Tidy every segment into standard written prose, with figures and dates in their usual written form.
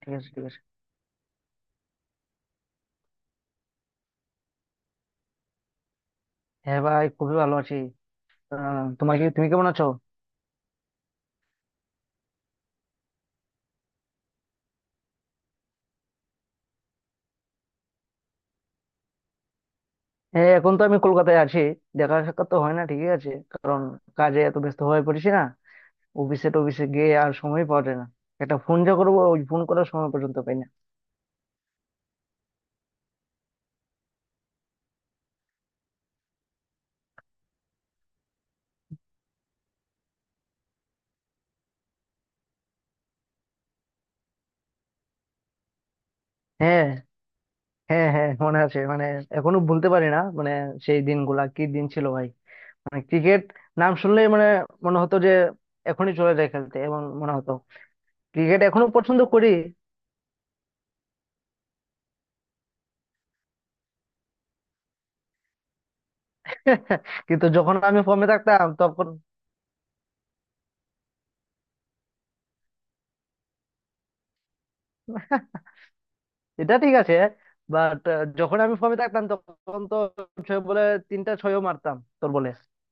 ঠিক আছে, ঠিক আছে। হ্যাঁ ভাই, খুবই ভালো আছি। তোমার কি তুমি কেমন আছো? হ্যাঁ এখন তো আমি কলকাতায় আছি। দেখা সাক্ষাৎ তো হয় না, ঠিকই আছে, কারণ কাজে এত ব্যস্ত হয়ে পড়েছি না, অফিসে টফিসে গিয়ে আর সময় পাওয়া যায় না। একটা ফোন যা করবো, ওই ফোন করার সময় পর্যন্ত পাই না। হ্যাঁ হ্যাঁ হ্যাঁ, মনে আছে মানে। এখনো ভুলতে পারি না মানে। সেই দিনগুলা কি দিন ছিল ভাই। মানে ক্রিকেট নাম শুনলেই মানে মনে হতো যে এখনই চলে যায় খেলতে, এমন মনে হতো। ক্রিকেট এখনো পছন্দ করি। কিন্তু যখন আমি ফর্মে থাকতাম তখন। এটা ঠিক আছে, বাট যখন আমি ফর্মে থাকতাম তখন তো ছয় বলে তিনটা ছয়ও মারতাম তোর বলে।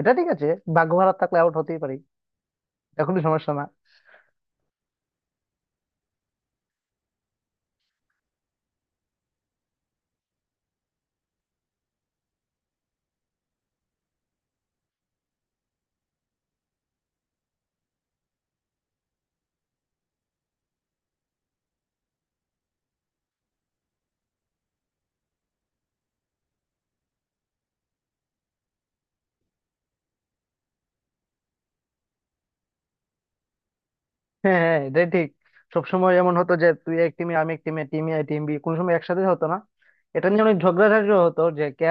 এটা ঠিক আছে। ভাগ্য ভালো থাকলে আউট হতেই পারি, এখনো সমস্যা না। হ্যাঁ হ্যাঁ এটাই ঠিক। সবসময় এমন হতো যে তুই এক টিমে আমি এক টিমে, টিম এ টিম বি কোনো সময় একসাথে হতো না। এটা নিয়ে অনেক ঝগড়াঝাটি হতো যে কে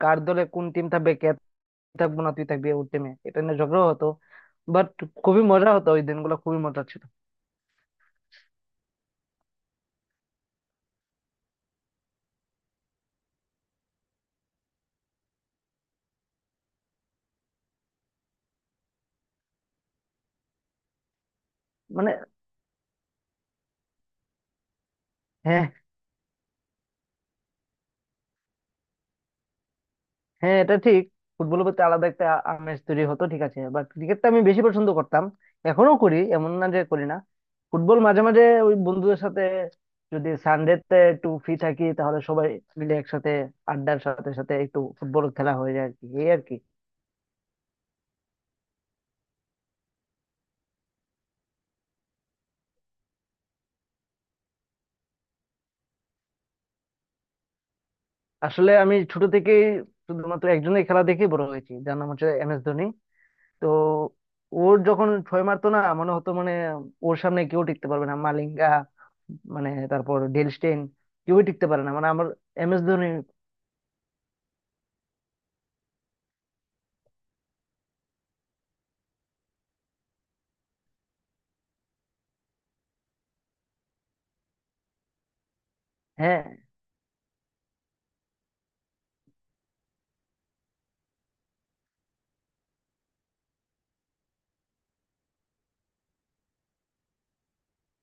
কার দলে কোন টিম থাকবে, কে থাকবো না তুই থাকবি ওর টিমে, এটা নিয়ে ঝগড়া হতো। বাট খুবই মজা হতো, ওই দিনগুলো খুবই মজা ছিল। মানে। হ্যাঁ হ্যাঁ এটা ঠিক। ফুটবলের প্রতি আলাদা একটা আমেজ তৈরি হতো, ঠিক আছে, বাট ক্রিকেটটা আমি বেশি পছন্দ করতাম। এখনো করি, এমন না যে করি না। ফুটবল মাঝে মাঝে ওই বন্ধুদের সাথে, যদি সানডেতে একটু ফ্রি থাকি তাহলে সবাই মিলে একসাথে আড্ডার সাথে সাথে একটু ফুটবল খেলা হয়ে যায় আর কি, এই আর কি। আসলে আমি ছোট থেকেই শুধুমাত্র একজনের খেলা দেখে বড় হয়েছি, যার নাম হচ্ছে এম এস ধোনি। তো ওর যখন ছয় মারতো না, মনে হতো মানে ওর সামনে কেউ টিকতে পারবে না। মালিঙ্গা, মানে তারপর ডেল স্টেইন, কেউই টিকতে পারে না মানে আমার। M S Dhoni. হ্যাঁ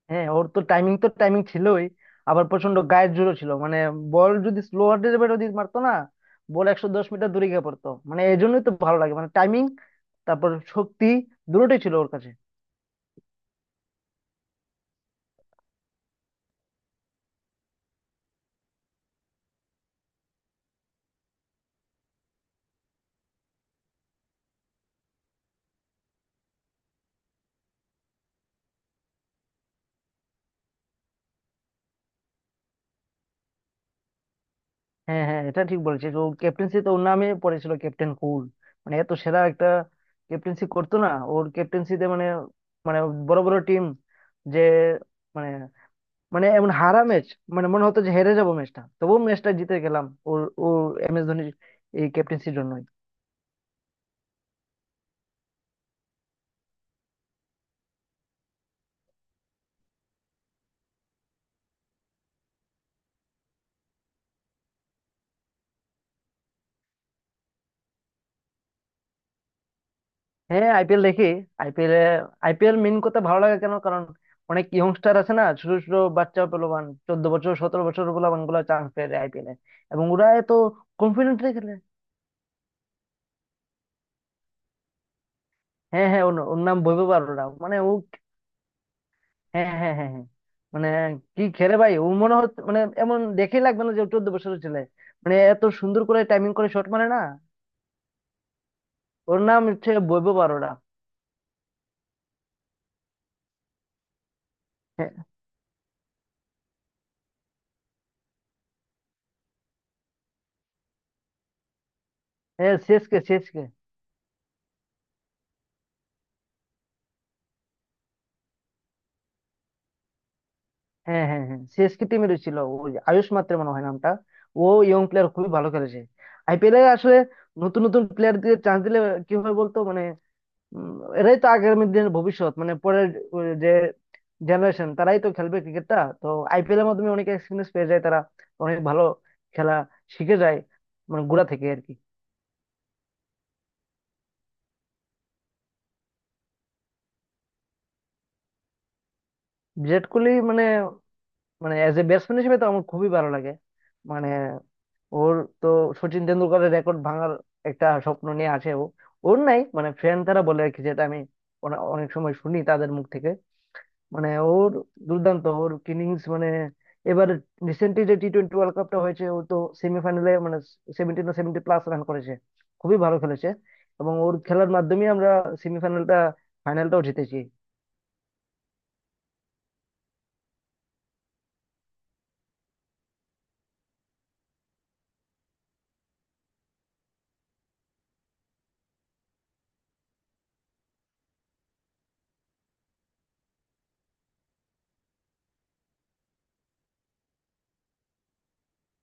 হ্যাঁ ওর তো টাইমিং তো টাইমিং ছিলই। আবার প্রচন্ড গায়ের জোরও ছিল মানে। বল যদি স্লো হার্ডের ব্যাটও দিয়ে মারতো না, বল 110 মিটার দূরে গিয়ে পড়তো। মানে এই জন্যই তো ভালো লাগে, মানে টাইমিং, তারপর শক্তি, দুটোই ছিল ওর কাছে। হ্যাঁ হ্যাঁ এটা ঠিক বলেছিস, ও ক্যাপ্টেন্সি তো ওর নামে পড়েছিল ক্যাপ্টেন কুল। মানে এত সেরা একটা ক্যাপ্টেন্সি করতো না, ওর ক্যাপ্টেন্সিতে মানে, মানে বড় বড় টিম যে, মানে, মানে এমন হারা ম্যাচ মানে মনে হতো যে হেরে যাবো ম্যাচটা, তবুও ম্যাচটা জিতে গেলাম ওর, ও এম এস ধোনির এই ক্যাপ্টেন্সির জন্যই। হ্যাঁ, আইপিএল দেখি। আইপিএল, আইপিএল মেন কথা ভালো লাগে কেন, কারণ অনেক ইয়ংস্টার আছে না, ছোট ছোট বাচ্চা পোলাপান 14 বছর 17 বছর পোলাপান গুলো চান্স পেয়ে আইপিএল এ। এবং ওরা এত কনফিডেন্টলি খেলে। হ্যাঁ হ্যাঁ, ওর ওর নাম বৈভব অরোরা, মানে ও, হ্যাঁ হ্যাঁ হ্যাঁ হ্যাঁ, মানে কি খেলে ভাই, ও মনে হচ্ছে মানে, এমন দেখেই লাগবে না যে ও 14 বছরের ছেলে। মানে এত সুন্দর করে টাইমিং করে শট মারে না। ওর নাম হচ্ছে বৈভব অরোরা। হ্যাঁ হ্যাঁ সিএসকে সিএসকে। হ্যাঁ হ্যাঁ হ্যাঁ সিএসকে টিমের ছিল ওই আয়ুষ মাত্রে মনে হয় নামটা। ও ইয়ং প্লেয়ার খুবই ভালো খেলেছে আইপিএলে। আসলে নতুন নতুন প্লেয়ার দিয়ে চান্স দিলে কি হয় বলতো, মানে উম, এরাই তো আগামী দিনের ভবিষ্যৎ, মানে পরের যে জেনারেশন, তারাই তো খেলবে ক্রিকেটটা তো। আইপিএল এর মাধ্যমে অনেক এক্সপিরিয়েন্স পেয়ে যায় তারা, অনেক ভালো খেলা শিখে যায় মানে গোড়া থেকে আর কি। বিরাট কোহলি মানে, মানে অ্যাজ এ ব্যাটসম্যান হিসেবে তো আমার খুবই ভালো লাগে। মানে ওর তো সচিন তেন্ডুলকরের রেকর্ড ভাঙার একটা স্বপ্ন নিয়ে আছে ও। ওর নাই মানে ফ্রেন্ড তারা বলে আর কি, যেটা আমি অনেক সময় শুনি তাদের মুখ থেকে। মানে ওর দুর্দান্ত ওর কিনিংস মানে। এবার রিসেন্টলি যে টি টোয়েন্টি ওয়ার্ল্ড কাপটা হয়েছে, ও তো সেমিফাইনালে মানে 70 না 70+ রান করেছে, খুবই ভালো খেলেছে। এবং ওর খেলার মাধ্যমে আমরা সেমিফাইনালটা, ফাইনালটাও জিতেছি।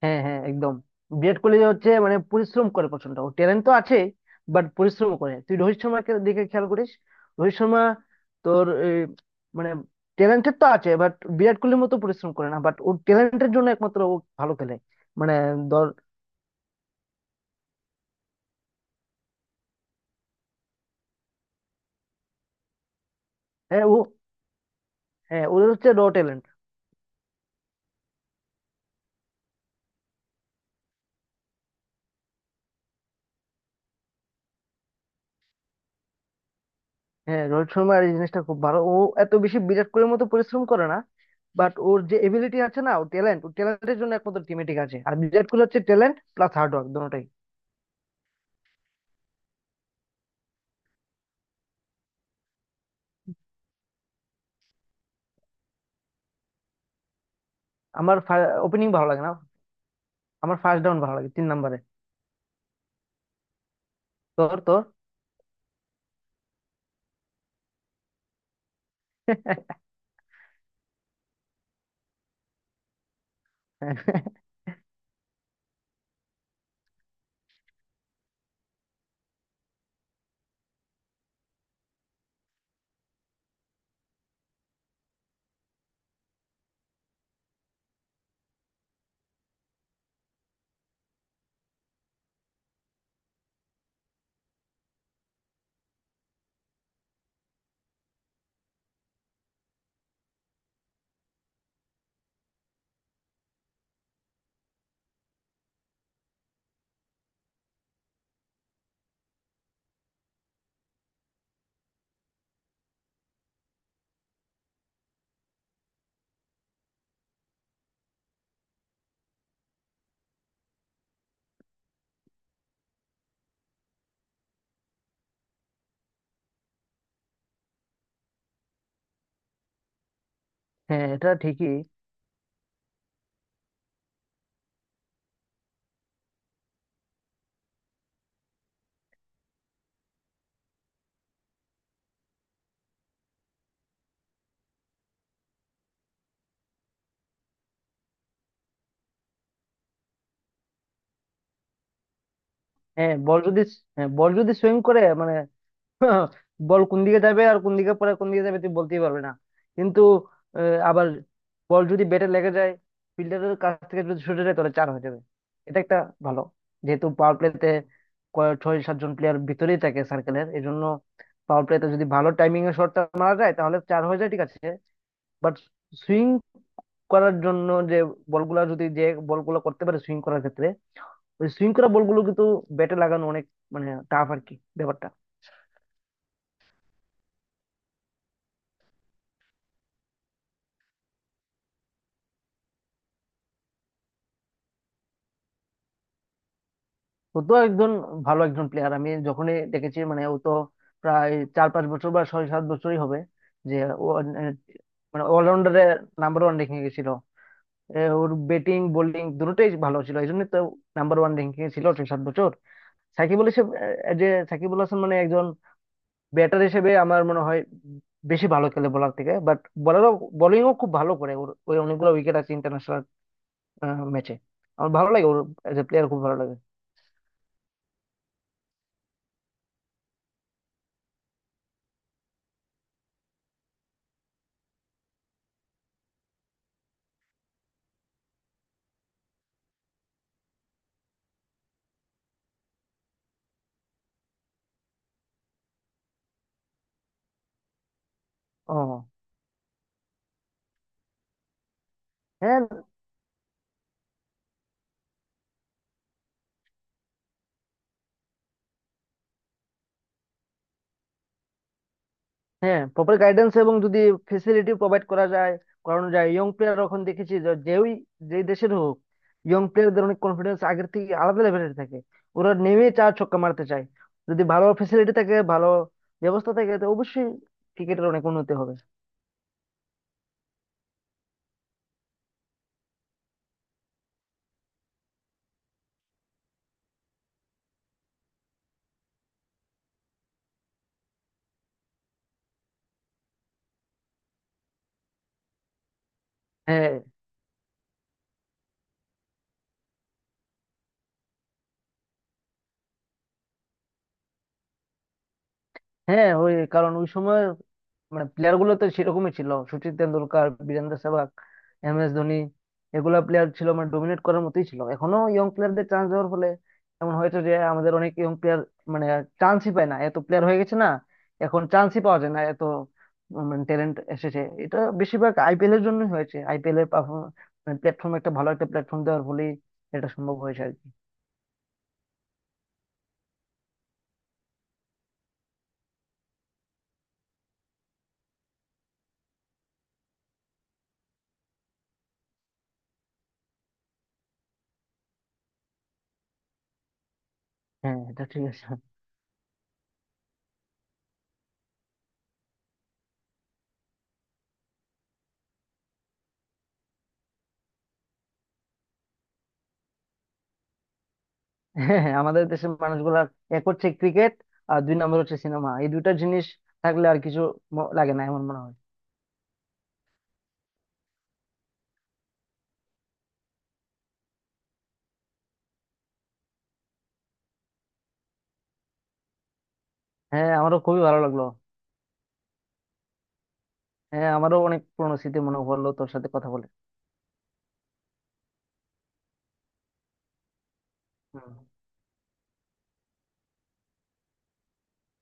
হ্যাঁ হ্যাঁ একদম। বিরাট কোহলি হচ্ছে মানে পরিশ্রম করে প্রচন্ড, ওর ট্যালেন্ট তো আছে, বাট পরিশ্রম করে। তুই রোহিত শর্মাকে দিকে খেয়াল করিস, রোহিত শর্মা, তোর মানে ট্যালেন্টেড তো আছে বাট বিরাট কোহলির মতো পরিশ্রম করে না, বাট ওর ট্যালেন্টের জন্য একমাত্র ও ভালো খেলে মানে। হ্যাঁ ও। হ্যাঁ ওদের হচ্ছে র ট্যালেন্ট। হ্যাঁ রোহিত শর্মার এই জিনিসটা খুব ভালো। ও এত বেশি বিরাট কোহলির মতো পরিশ্রম করে না, বাট ওর যে এবিলিটি আছে না, ও ট্যালেন্ট, ও ট্যালেন্টের জন্য একমাত্র টিমে, ঠিক আছে। আর বিরাট কোহলি হচ্ছে ট্যালেন্ট প্লাস হার্ড ওয়ার্ক দুটোই। আমার ওপেনিং ভালো লাগে না, আমার ফার্স্ট ডাউন ভালো লাগে, তিন নম্বরে। তোর তোর। হ্যাঁ এটা ঠিকই। হ্যাঁ বল যদি হ্যাঁ বল যদি সুইং করে মানে, বল কোন দিকে যাবে আর কোন দিকে পরে কোন দিকে যাবে তুই বলতেই পারবে না। কিন্তু আবার বল যদি ব্যাটে লেগে যায়, ফিল্ডারের কাছ থেকে যদি ছুটে যায় তাহলে চার হয়ে যাবে। এটা একটা ভালো, যেহেতু পাওয়ার প্লেতে ছয় সাতজন প্লেয়ার ভিতরেই থাকে সার্কেলের, এই জন্য পাওয়ার প্লেতে যদি ভালো টাইমিং এ শটটা মারা যায় তাহলে চার হয়ে যায়, ঠিক আছে। বাট সুইং করার জন্য যে বলগুলা যদি, যে বলগুলো করতে পারে সুইং করার ক্ষেত্রে, ওই সুইং করা বলগুলো কিন্তু ব্যাটে লাগানো অনেক, মানে টাফ আর কি ব্যাপারটা। ও তো একজন ভালো একজন প্লেয়ার। আমি যখনই দেখেছি মানে, ও তো প্রায় চার পাঁচ বছর বা ছয় সাত বছরই হবে যে ও, মানে অলরাউন্ডারে নাম্বার ওয়ান র্যাঙ্কিং এ ছিল। ওর ব্যাটিং বোলিং দুটোই ভালো ছিল, এই জন্য তো নাম্বার ওয়ান র্যাঙ্কিং এ ছিল ছয় সাত বছর সাকিবুল হিসেবে। যে সাকিবুল হাসান মানে একজন ব্যাটার হিসেবে আমার মনে হয় বেশি ভালো খেলে বলার থেকে, বাট বলারও, বোলিংও খুব ভালো করে। ওর ওই অনেকগুলো উইকেট আছে ইন্টারন্যাশনাল ম্যাচে। আমার ভালো লাগে ওর, এজ এ প্লেয়ার খুব ভালো লাগে। ও। হ্যাঁ হ্যাঁ প্রপার গাইডেন্স এবং যদি ফেসিলিটি প্রোভাইড করা যায়, করানো যায় ইয়ং প্লেয়ার, এখন দেখেছি যে যেই, যে দেশের হোক ইয়ং প্লেয়ারদের অনেক কনফিডেন্স আগের থেকে আলাদা লেভেলের থাকে। ওরা নেমে চার ছক্কা মারতে চায়। যদি ভালো ফেসিলিটি থাকে, ভালো ব্যবস্থা থাকে, তো অবশ্যই ক্রিকেটের অনেক উন্নতি হবে। হ্যাঁ হ্যাঁ ওই কারণ ওই সময় মানে প্লেয়ার গুলো তো সেরকমই ছিল, সচিন তেন্ডুলকার, বীরেন্দ্র সেহবাগ, এম এস ধোনি, এগুলা প্লেয়ার ছিল মানে ডোমিনেট করার মতোই ছিল। এখনো ইয়ং প্লেয়ারদের চান্স দেওয়ার ফলে এমন হয়েছে যে আমাদের অনেক ইয়ং প্লেয়ার মানে চান্সই পায় না, এত প্লেয়ার হয়ে গেছে না, এখন চান্সই পাওয়া যায় না। এত মানে ট্যালেন্ট এসেছে, এটা বেশিরভাগ আইপিএল এর জন্যই হয়েছে, আইপিএল এর পারফরমেন্স প্ল্যাটফর্ম একটা ভালো একটা প্ল্যাটফর্ম দেওয়ার ফলেই এটা সম্ভব হয়েছে আর কি। হ্যাঁ এটা ঠিক আছে। হ্যাঁ হ্যাঁ আমাদের দেশের মানুষগুলা এক হচ্ছে ক্রিকেট আর দুই নম্বর হচ্ছে সিনেমা, এই দুইটা জিনিস থাকলে আর কিছু লাগে না, এমন মনে হয়। হ্যাঁ আমারও খুবই ভালো লাগলো। হ্যাঁ আমারও অনেক পুরনো স্মৃতি মনে পড়লো তোর সাথে কথা বলে। হুম।